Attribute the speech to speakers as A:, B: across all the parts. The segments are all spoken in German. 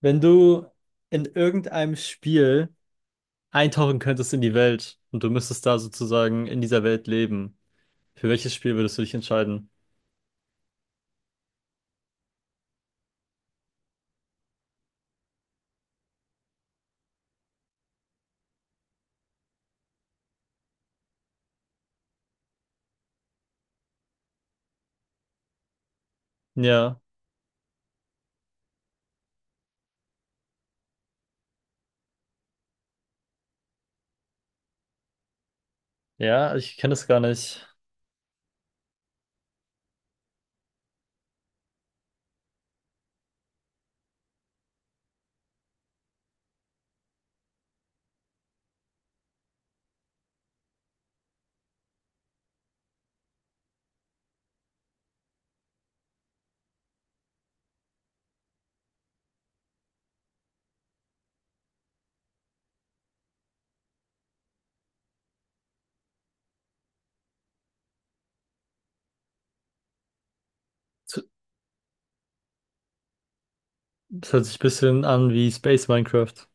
A: Wenn du in irgendeinem Spiel eintauchen könntest in die Welt und du müsstest da sozusagen in dieser Welt leben, für welches Spiel würdest du dich entscheiden? Ja, ja, ich kenne das gar nicht. Es es hört sich ein bisschen an wie Space Minecraft.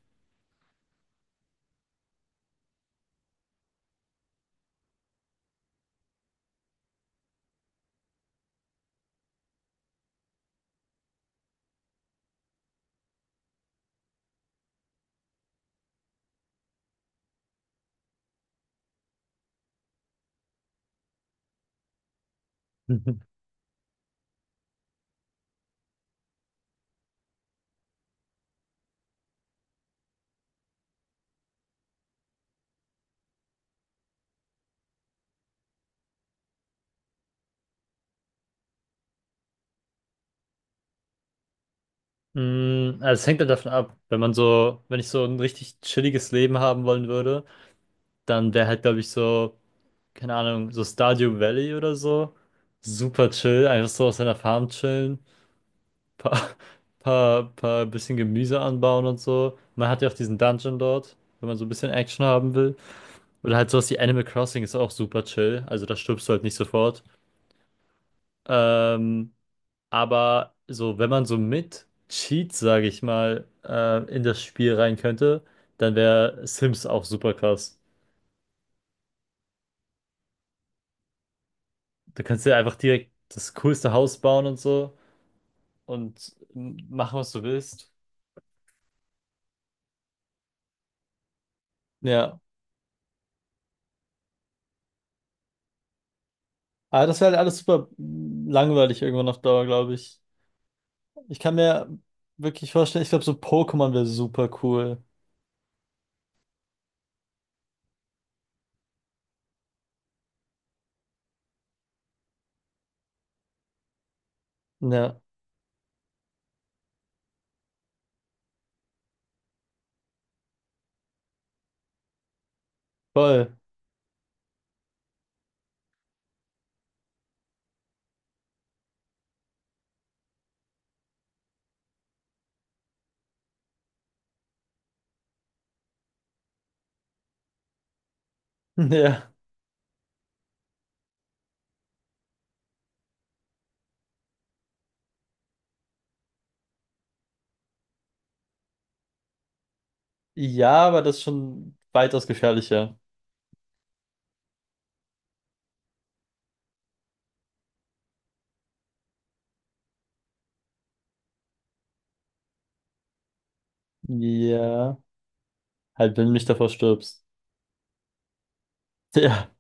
A: Mhm. Mm, also es hängt halt davon ab, wenn man so, wenn ich so ein richtig chilliges Leben haben wollen würde, dann wäre halt, glaube ich, so, keine Ahnung, so Stardew Valley oder so. Super chill, einfach so auf seiner Farm chillen. paar, paar bisschen Gemüse anbauen und so. Man hat ja auch diesen Dungeon dort, wenn man so ein bisschen Action haben will. Oder halt sowas wie Animal Crossing ist auch super chill. Also da stirbst du halt nicht sofort. Ähm, aber so, wenn man so mit Cheats, sage ich mal, in das Spiel rein könnte, dann wäre Sims auch super krass. Du kannst dir einfach direkt das coolste Haus bauen und so und machen, was du willst. Ja. Aber das wäre halt alles super langweilig irgendwann auf Dauer, glaube ich. Ich kann mir wirklich vorstellen, ich glaube, so Pokémon wäre super cool. Ja, voll. Ja. Ja, aber das ist schon weitaus gefährlicher. Ja. Halt, wenn du nicht davor stirbst. Ja.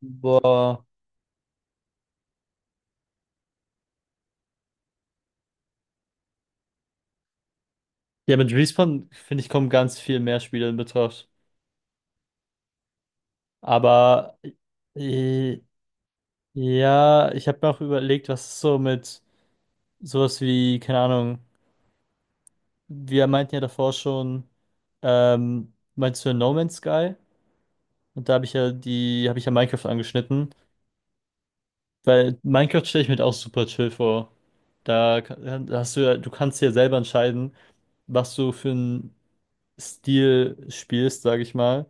A: Boah. Ja, mit Respawn, finde ich, kommen ganz viel mehr Spiele in Betracht. Aber äh, ja, ich habe mir auch überlegt, was so mit sowas wie, keine Ahnung, wir meinten ja davor schon, meinst du No Man's Sky? Und da habe ich ja die, habe ich ja Minecraft angeschnitten, weil Minecraft stelle ich mir halt auch super chill vor. Da hast du ja, du kannst ja selber entscheiden, was du für einen Stil spielst, sage ich mal.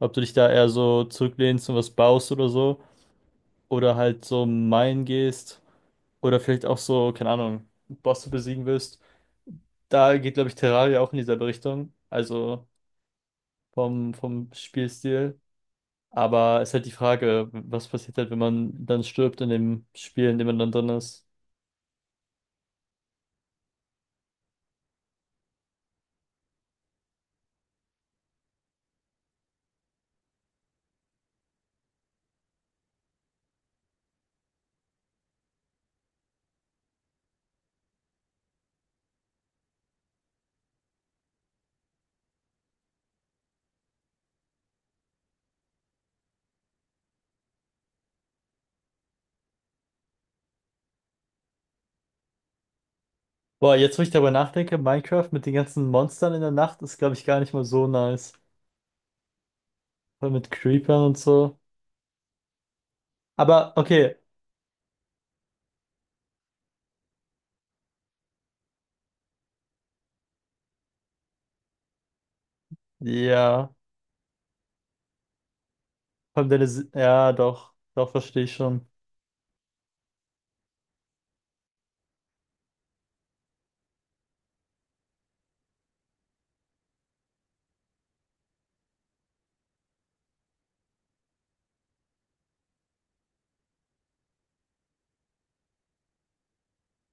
A: Ob du dich da eher so zurücklehnst und was baust oder so. Oder halt so minen gehst. Oder vielleicht auch so, keine Ahnung, Bosse besiegen willst. Da geht, glaube ich, Terraria auch in dieselbe Richtung. Also vom Spielstil. Aber ist halt die Frage, was passiert halt, wenn man dann stirbt in dem Spiel, in dem man dann drin ist. Boah, jetzt wo ich darüber nachdenke, Minecraft mit den ganzen Monstern in der Nacht ist, glaube ich, gar nicht mal so nice. Vor allem mit Creepern und so. Aber okay, ja, vor allem ja, doch, doch, verstehe ich schon.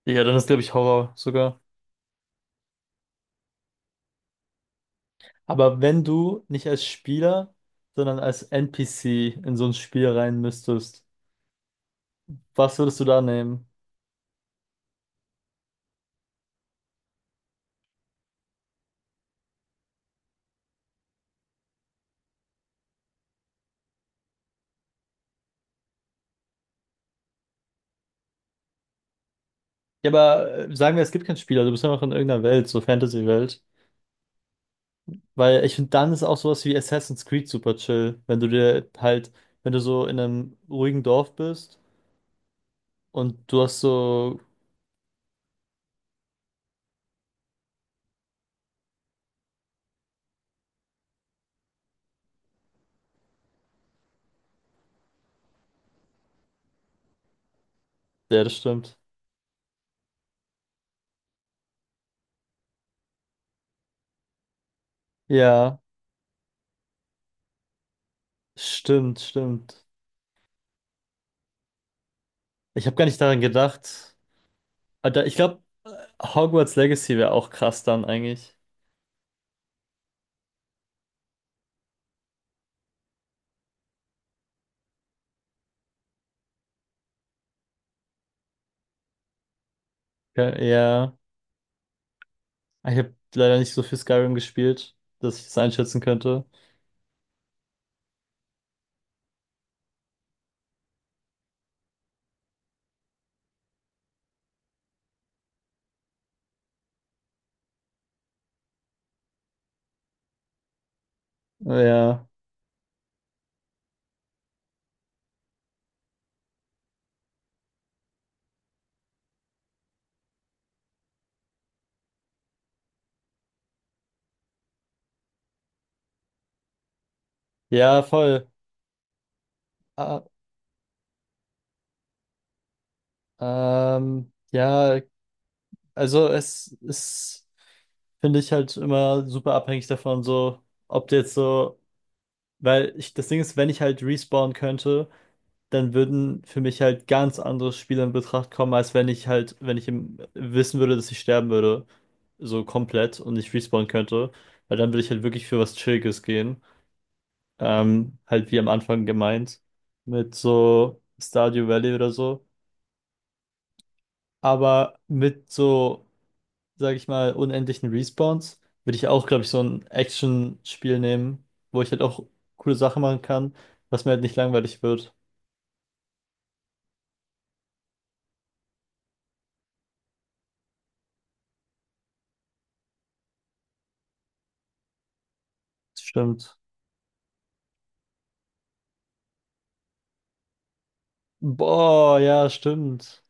A: Ja, dann ist, glaube ich, Horror sogar. Aber wenn du nicht als Spieler, sondern als NPC in so ein Spiel rein müsstest, was würdest du da nehmen? Ja, aber sagen wir, es gibt kein Spiel, also du bist einfach in irgendeiner Welt, so Fantasy-Welt. Weil ich finde, dann ist auch sowas wie Assassin's Creed super chill, wenn du dir halt, wenn du so in einem ruhigen Dorf bist und du hast so, ja, das stimmt. Ja, stimmt, stimmt. Ich habe gar nicht daran gedacht. Ich glaube, Hogwarts Legacy wäre auch krass dann eigentlich. Ja, ja. Ich habe leider nicht so viel Skyrim gespielt, dass ich das einschätzen könnte. Ja, ja, voll. Ah, ja, also es ist, finde ich halt immer super abhängig davon, so, ob du jetzt so, weil ich, das Ding ist, wenn ich halt respawnen könnte, dann würden für mich halt ganz andere Spiele in Betracht kommen, als wenn ich halt, wenn ich im, wissen würde, dass ich sterben würde, so komplett und nicht respawnen könnte, weil dann würde ich halt wirklich für was Chilliges gehen, halt wie am Anfang gemeint, mit so Stardew Valley oder so, aber mit so sage ich mal, unendlichen Respawns, würde ich auch, glaube ich, so ein Action-Spiel nehmen, wo ich halt auch coole Sachen machen kann, was mir halt nicht langweilig wird. Stimmt. Boah, ja, stimmt.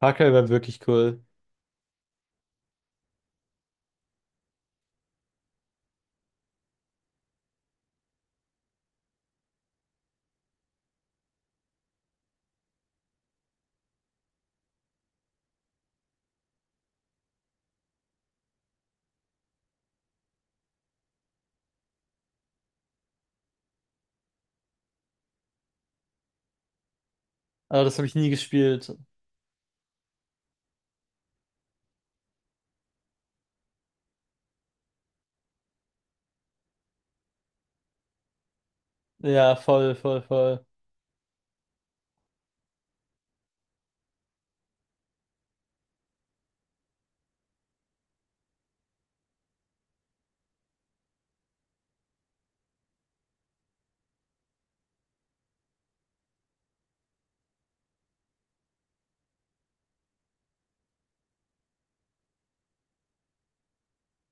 A: Parker wäre wirklich cool. Aber das habe ich nie gespielt. Ja, voll, voll, voll.